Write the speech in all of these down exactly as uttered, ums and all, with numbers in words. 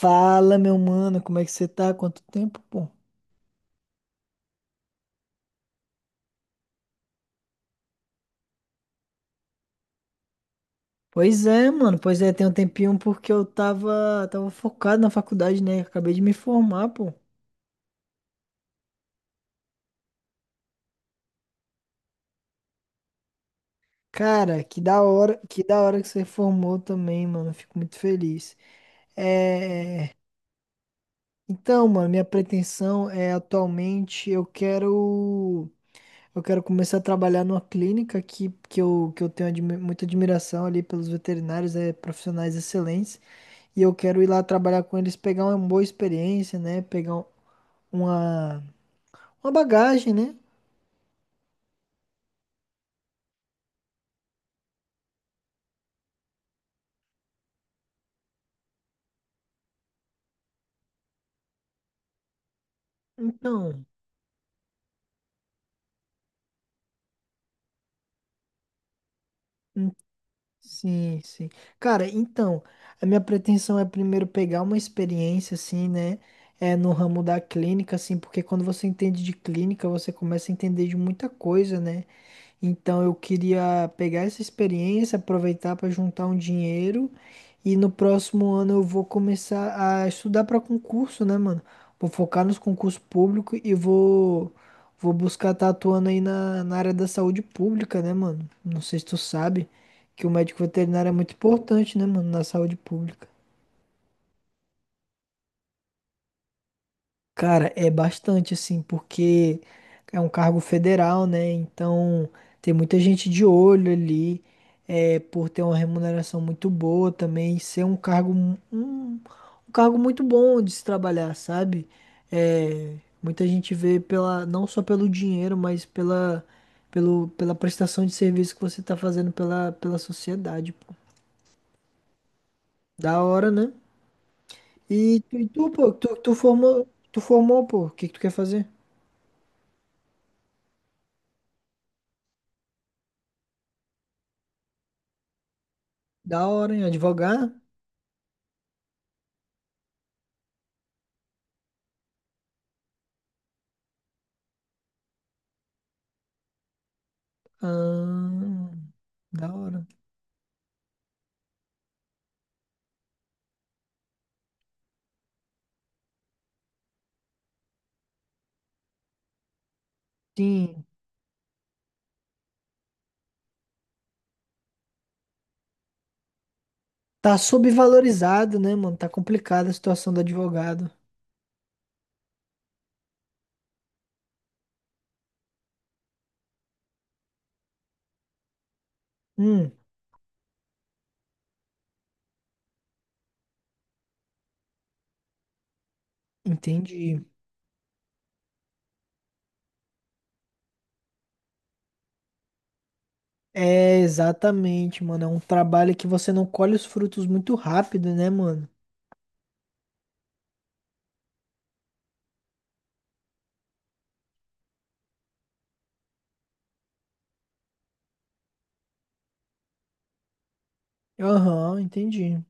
Fala, meu mano, como é que você tá? Quanto tempo, pô? Pois é, mano, pois é, tem um tempinho porque eu tava, tava focado na faculdade, né? Acabei de me formar, pô. Cara, que da hora, que da hora que você formou também, mano. Fico muito feliz. É... Então, mano, minha pretensão é atualmente eu quero eu quero começar a trabalhar numa clínica que, que eu, que eu tenho admi- muita admiração ali pelos veterinários, é, profissionais excelentes. E eu quero ir lá trabalhar com eles, pegar uma boa experiência, né? Pegar um- uma, uma bagagem, né? Então, hum, sim, sim. Cara, então, a minha pretensão é primeiro pegar uma experiência, assim, né? É no ramo da clínica, assim, porque quando você entende de clínica, você começa a entender de muita coisa, né? Então eu queria pegar essa experiência, aproveitar para juntar um dinheiro e no próximo ano eu vou começar a estudar para concurso, né, mano? Vou focar nos concursos públicos e vou vou buscar estar atuando aí na, na área da saúde pública, né, mano? Não sei se tu sabe que o médico veterinário é muito importante, né, mano, na saúde pública. Cara, é bastante assim, porque é um cargo federal, né? Então tem muita gente de olho ali, é, por ter uma remuneração muito boa também, ser um cargo, mu- um, um cargo muito bom de se trabalhar, sabe? É, muita gente vê pela, não só pelo dinheiro, mas pela, pelo, pela prestação de serviço que você tá fazendo pela, pela sociedade, pô. Da hora, né? E, tu, e tu, pô, tu, tu formou, tu formou, pô, o que que tu quer fazer? Da hora, hein? Advogar? Ah, da hora. Sim. Tá subvalorizado, né, mano? Tá complicada a situação do advogado. Hum, entendi. É, exatamente, mano. É um trabalho que você não colhe os frutos muito rápido, né, mano? Aham, entendi.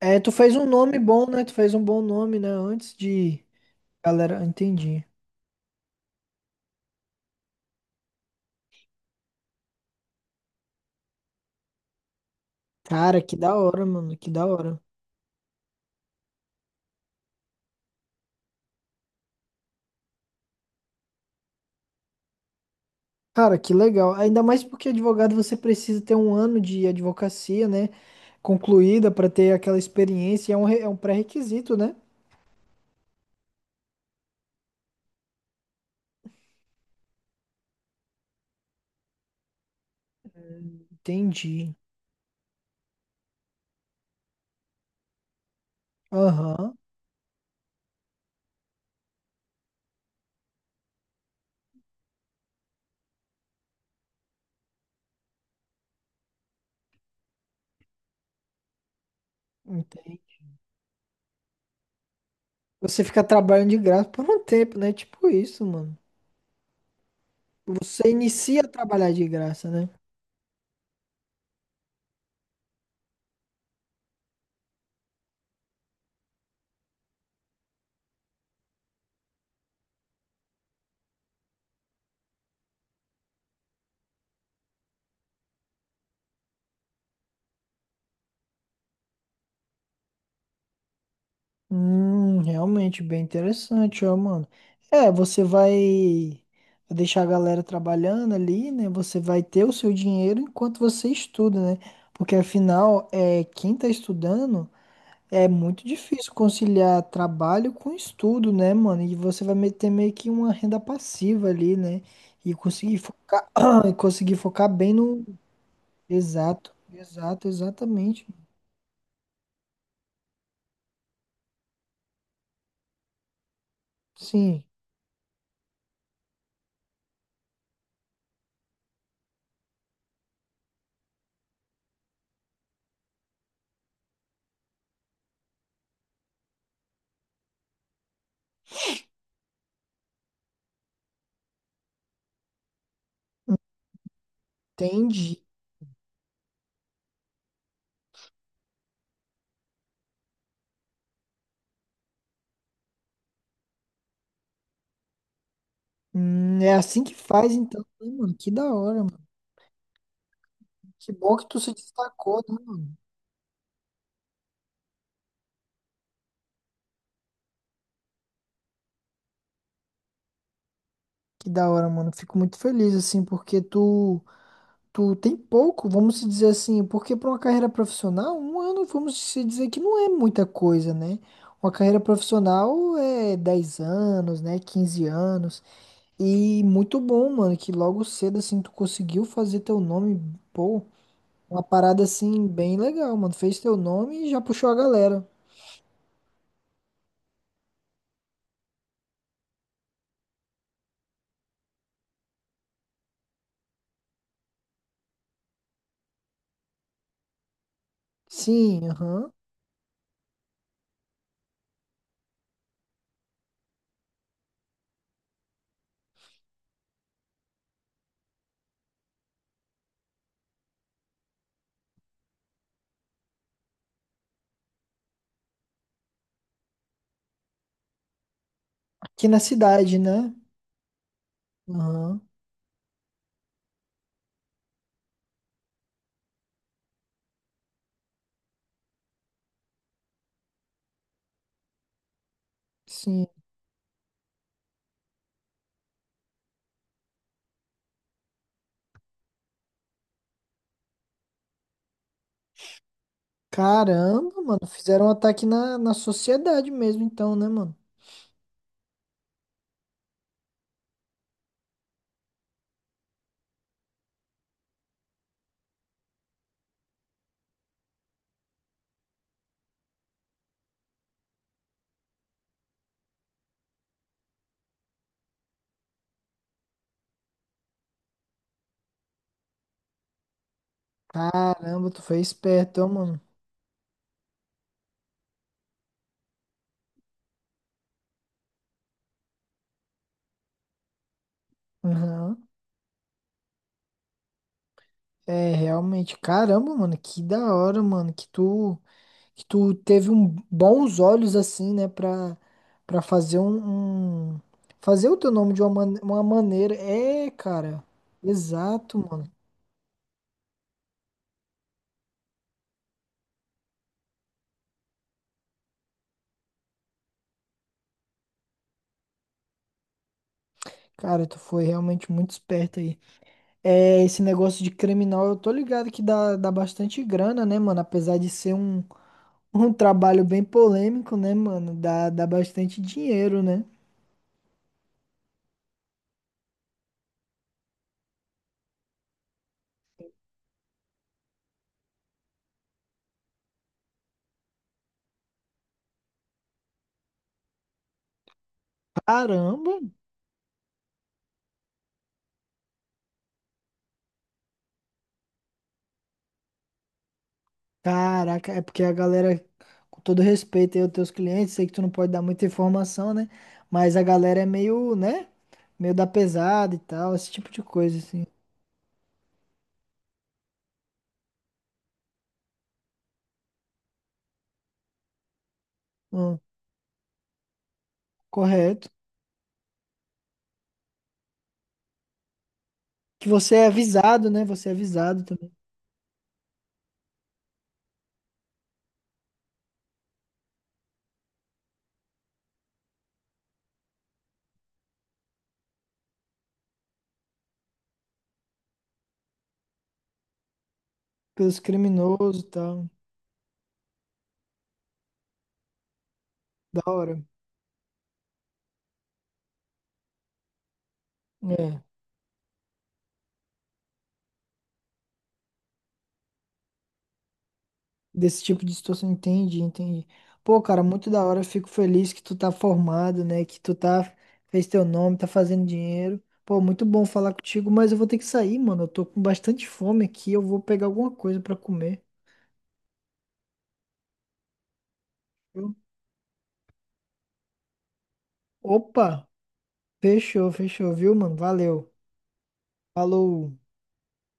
É, tu fez um nome bom, né? Tu fez um bom nome, né? Antes de. Galera, entendi. Cara, que da hora, mano. Que da hora. Cara, que legal. Ainda mais porque advogado você precisa ter um ano de advocacia, né? Concluída para ter aquela experiência. É um, re- é um pré-requisito, né? Entendi. Aham, entendi. Você fica trabalhando de graça por um tempo, né? Tipo isso, mano. Você inicia a trabalhar de graça, né? Hum, realmente bem interessante, ó, mano. É, você vai deixar a galera trabalhando ali, né? Você vai ter o seu dinheiro enquanto você estuda, né? Porque afinal, é, quem tá estudando é muito difícil conciliar trabalho com estudo, né, mano? E você vai me- ter meio que uma renda passiva ali, né? E conseguir focar, e conseguir focar bem no. Exato, exato, exatamente. Sim, entendi. Hum, é assim que faz, então, né, mano? Que da hora, mano. Que bom que tu se destacou, né, mano? Que da hora, mano. Fico muito feliz, assim, porque tu, tu tem pouco, vamos se dizer assim, porque pra uma carreira profissional, um ano, vamos se dizer que não é muita coisa, né? Uma carreira profissional é dez anos, né? Quinze anos. E muito bom, mano, que logo cedo, assim, tu conseguiu fazer teu nome, pô, uma parada, assim, bem legal, mano. Fez teu nome e já puxou a galera. Sim, aham. Aqui na cidade, né? Aham, sim. Caramba, mano, fizeram um ataque na, na sociedade mesmo, então, né, mano? Caramba, tu foi esperto, ó, mano. Aham. É, realmente. Caramba, mano, que da hora, mano, que tu, que tu teve um, bons olhos, assim, né, pra, pra fazer um, um- Fazer o teu nome de uma, man- uma maneira. É, cara. Exato, mano. Cara, tu foi realmente muito esperto aí. É, esse negócio de criminal, eu tô ligado que dá, dá bastante grana, né, mano? Apesar de ser um, um trabalho bem polêmico, né, mano? Dá, dá bastante dinheiro, né? Caramba! Caraca, é porque a galera, com todo respeito aí aos teus clientes, sei que tu não pode dar muita informação, né? Mas a galera é meio, né? Meio da pesada e tal, esse tipo de coisa, assim. Hum, correto. Que você é avisado, né? Você é avisado também pelos criminosos e tal. Da hora. É. Desse tipo de situação, entendi, entendi. Pô, cara, muito da hora, eu fico feliz que tu tá formado, né? Que tu tá, fez teu nome, tá fazendo dinheiro. Pô, muito bom falar contigo, mas eu vou ter que sair, mano. Eu tô com bastante fome aqui, eu vou pegar alguma coisa pra comer. Viu? Opa, fechou, fechou, viu, mano? Valeu. Falou.